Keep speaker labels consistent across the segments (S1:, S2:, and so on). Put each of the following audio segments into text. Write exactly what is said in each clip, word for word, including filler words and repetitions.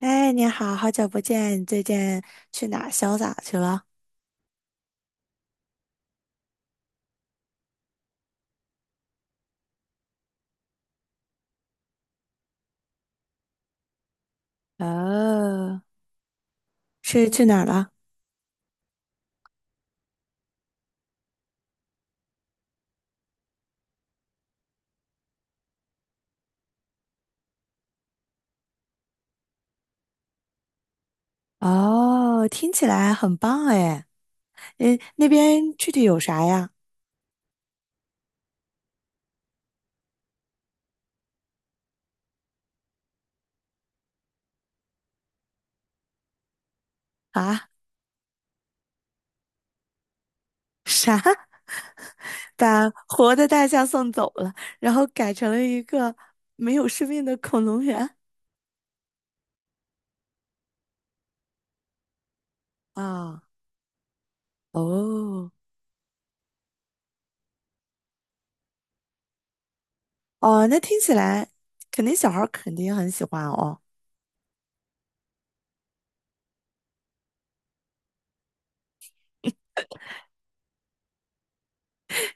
S1: 哎，你好，好久不见，你最近去哪儿潇洒去了？哦，是去哪儿了？哦，听起来很棒哎。诶，那边具体有啥呀？啊，啥？把活的大象送走了，然后改成了一个没有生命的恐龙园啊？哦，哦，那听起来肯定小孩儿肯定很喜欢哦。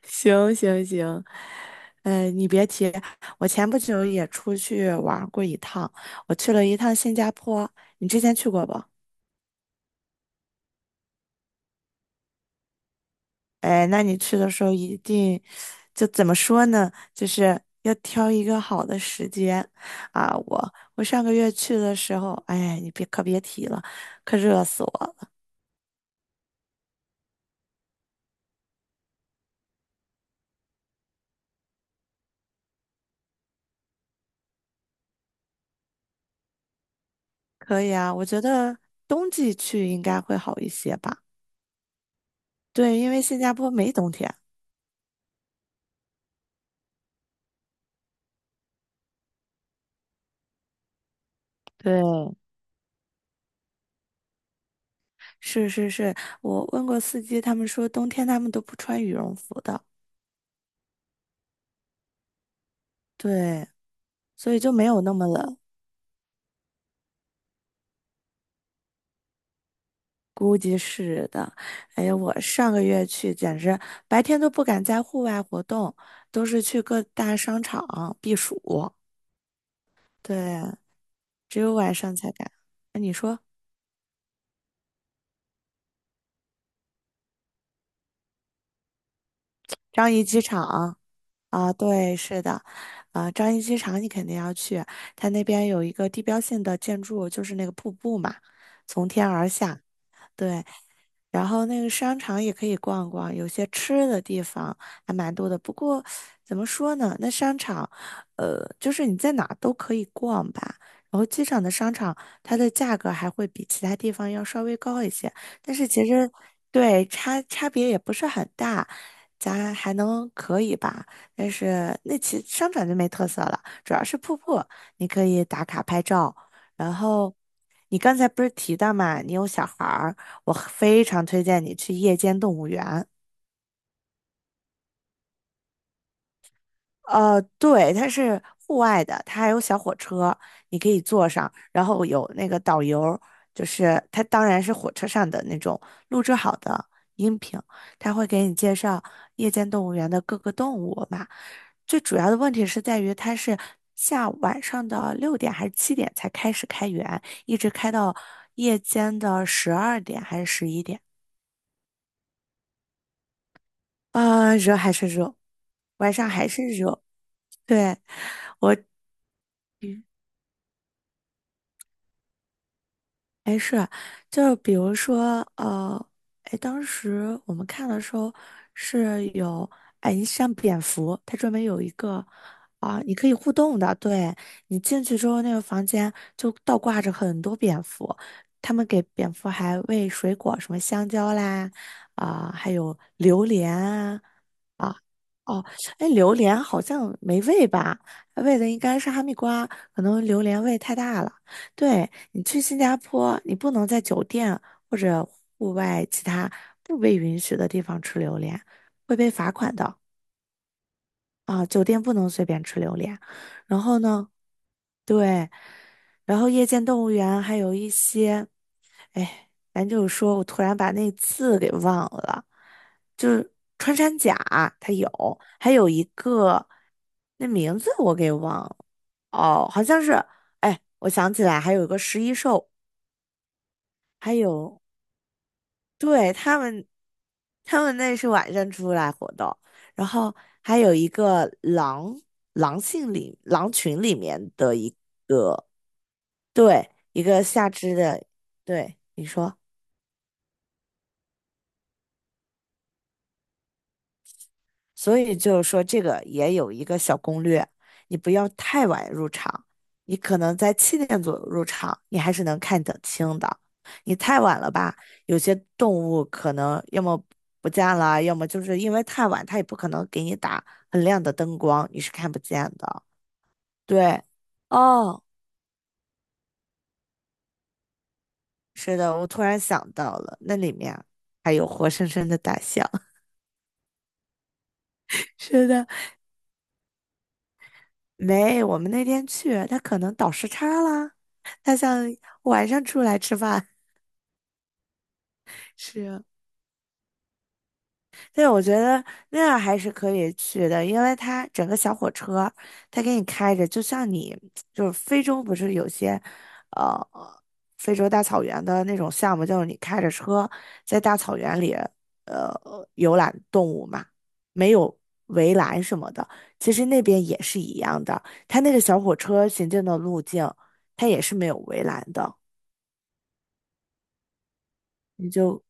S1: 行行行，哎，你别提，我前不久也出去玩儿过一趟，我去了一趟新加坡，你之前去过不？哎，那你去的时候一定，就怎么说呢，就是要挑一个好的时间啊！我我上个月去的时候，哎，你别可别提了，可热死我了。可以啊，我觉得冬季去应该会好一些吧？对，因为新加坡没冬天。对。是是是，我问过司机，他们说冬天他们都不穿羽绒服的，对，所以就没有那么冷，估计是的。哎呀，我上个月去，简直白天都不敢在户外活动，都是去各大商场避暑，对，只有晚上才敢。那你说张掖机场啊？对，是的，啊，张掖机场你肯定要去，它那边有一个地标性的建筑，就是那个瀑布嘛，从天而下。对，然后那个商场也可以逛逛，有些吃的地方还蛮多的。不过怎么说呢，那商场，呃，就是你在哪儿都可以逛吧。然后机场的商场，它的价格还会比其他地方要稍微高一些，但是其实对差差别也不是很大，咱还能可以吧。但是那其商场就没特色了，主要是瀑布，你可以打卡拍照，然后。你刚才不是提到嘛，你有小孩儿，我非常推荐你去夜间动物园。呃，对，它是户外的，它还有小火车，你可以坐上，然后有那个导游，就是它当然是火车上的那种录制好的音频，他会给你介绍夜间动物园的各个动物嘛。最主要的问题是在于它是下午晚上的六点还是七点才开始开园，一直开到夜间的十二点还是十一点。啊、热还是热，晚上还是热。对，我，哎，是，就是比如说，呃，哎，当时我们看的时候是有，哎，你像蝙蝠，它专门有一个啊、你可以互动的，对，你进去之后，那个房间就倒挂着很多蝙蝠，他们给蝙蝠还喂水果，什么香蕉啦，啊、还有榴莲啊，啊哦，哎，榴莲好像没味吧？味的应该是哈密瓜，可能榴莲味太大了。对，你去新加坡，你不能在酒店或者户外其他不被允许的地方吃榴莲，会被罚款的啊，酒店不能随便吃榴莲。然后呢？对，然后夜间动物园还有一些，哎，咱就是说我突然把那字给忘了，就是穿山甲它有，还有一个那名字我给忘了，哦，好像是，哎，我想起来还有一个十一兽，还有对他们，他们那是晚上出来活动，然后还有一个狼狼性里狼群里面的一对一个下肢的，对你说。所以就是说，这个也有一个小攻略，你不要太晚入场，你可能在七点左右入场，你还是能看得清的。你太晚了吧，有些动物可能要么不见了，要么就是因为太晚，它也不可能给你打很亮的灯光，你是看不见的。对，哦，是的，我突然想到了，那里面还有活生生的大象。是的，没，我们那天去，他可能倒时差了，他想晚上出来吃饭。是，对，我觉得那样还是可以去的，因为它整个小火车，它给你开着，就像你就是非洲不是有些，呃，非洲大草原的那种项目，就是你开着车在大草原里，呃，游览动物嘛，没有围栏什么的，其实那边也是一样的，它那个小火车行进的路径，它也是没有围栏的，你就。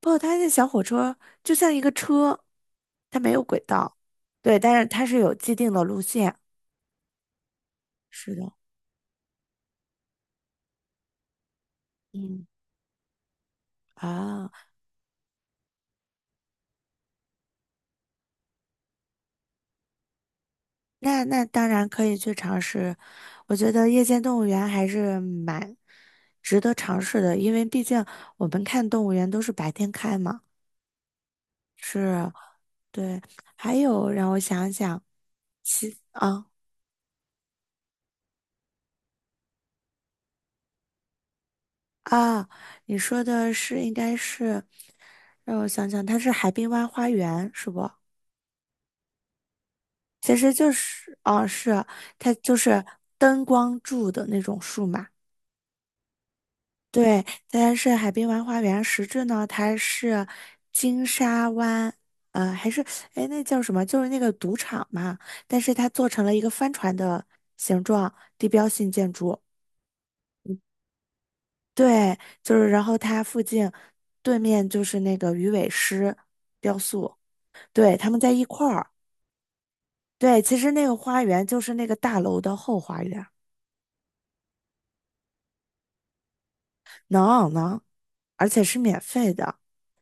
S1: 不，它那小火车就像一个车，它没有轨道，对，但是它是有既定的路线。是的，嗯，啊，那那当然可以去尝试。我觉得夜间动物园还是蛮值得尝试的，因为毕竟我们看动物园都是白天开嘛。是，对。还有让我想想，其啊啊，你说的是应该是，让我想想，它是海滨湾花园是不？其实就是哦，是啊它就是灯光柱的那种树嘛。对，它是海滨玩花园，实质呢，它是金沙湾，呃，还是哎那叫什么？就是那个赌场嘛，但是它做成了一个帆船的形状，地标性建筑。对，就是然后它附近对面就是那个鱼尾狮雕塑，对，他们在一块儿。对，其实那个花园就是那个大楼的后花园。能能，而且是免费的，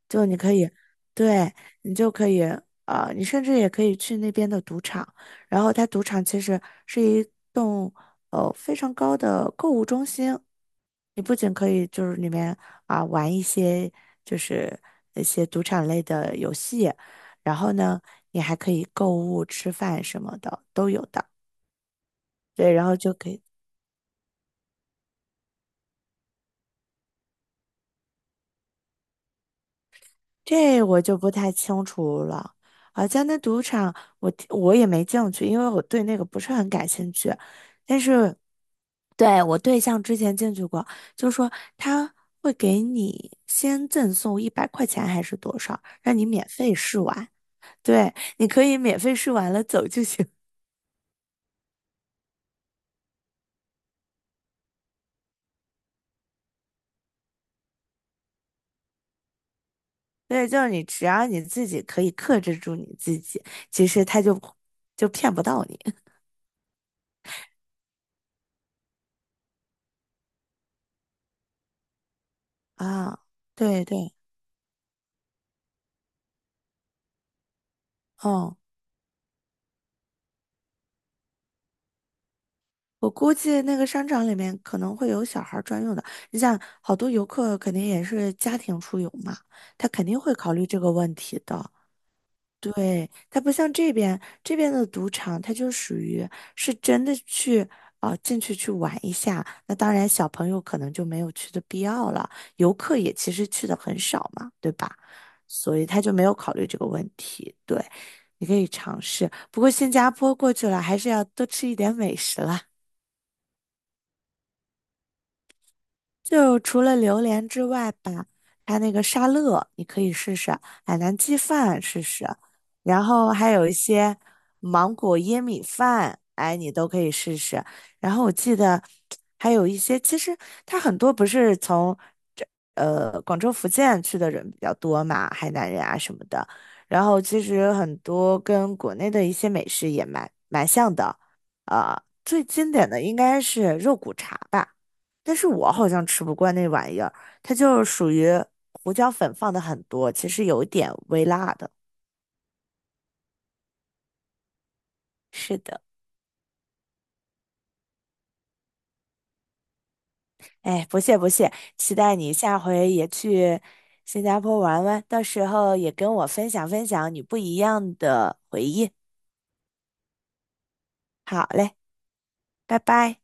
S1: 就你可以，对，你就可以，呃，你甚至也可以去那边的赌场，然后它赌场其实是一栋呃非常高的购物中心，你不仅可以就是里面啊、玩一些就是一些赌场类的游戏，然后呢，你还可以购物、吃饭什么的都有的，对，然后就可以。这我就不太清楚了。好像那赌场我我也没进去，因为我对那个不是很感兴趣。但是对我对象之前进去过，就说他会给你先赠送一百块钱还是多少，让你免费试玩。对，你可以免费试完了走就行。对，就是你只要你自己可以克制住你自己，其实他就就骗不到你啊。对对，哦。我估计那个商场里面可能会有小孩儿专用的。你想，好多游客肯定也是家庭出游嘛，他肯定会考虑这个问题的。对，他不像这边，这边的赌场，它就属于是真的去啊、呃进去去玩一下。那当然，小朋友可能就没有去的必要了，游客也其实去的很少嘛，对吧？所以他就没有考虑这个问题。对，你可以尝试，不过新加坡过去了，还是要多吃一点美食啦。就除了榴莲之外吧，它那个沙乐你可以试试，海南鸡饭试试，然后还有一些芒果椰米饭，哎，你都可以试试。然后我记得还有一些，其实它很多不是从这呃广州、福建去的人比较多嘛，海南人啊什么的。然后其实很多跟国内的一些美食也蛮蛮像的，呃，最经典的应该是肉骨茶吧。但是我好像吃不惯那玩意儿，它就是属于胡椒粉放的很多，其实有一点微辣的。是的，哎，不谢不谢，期待你下回也去新加坡玩玩，到时候也跟我分享分享你不一样的回忆。好嘞，拜拜。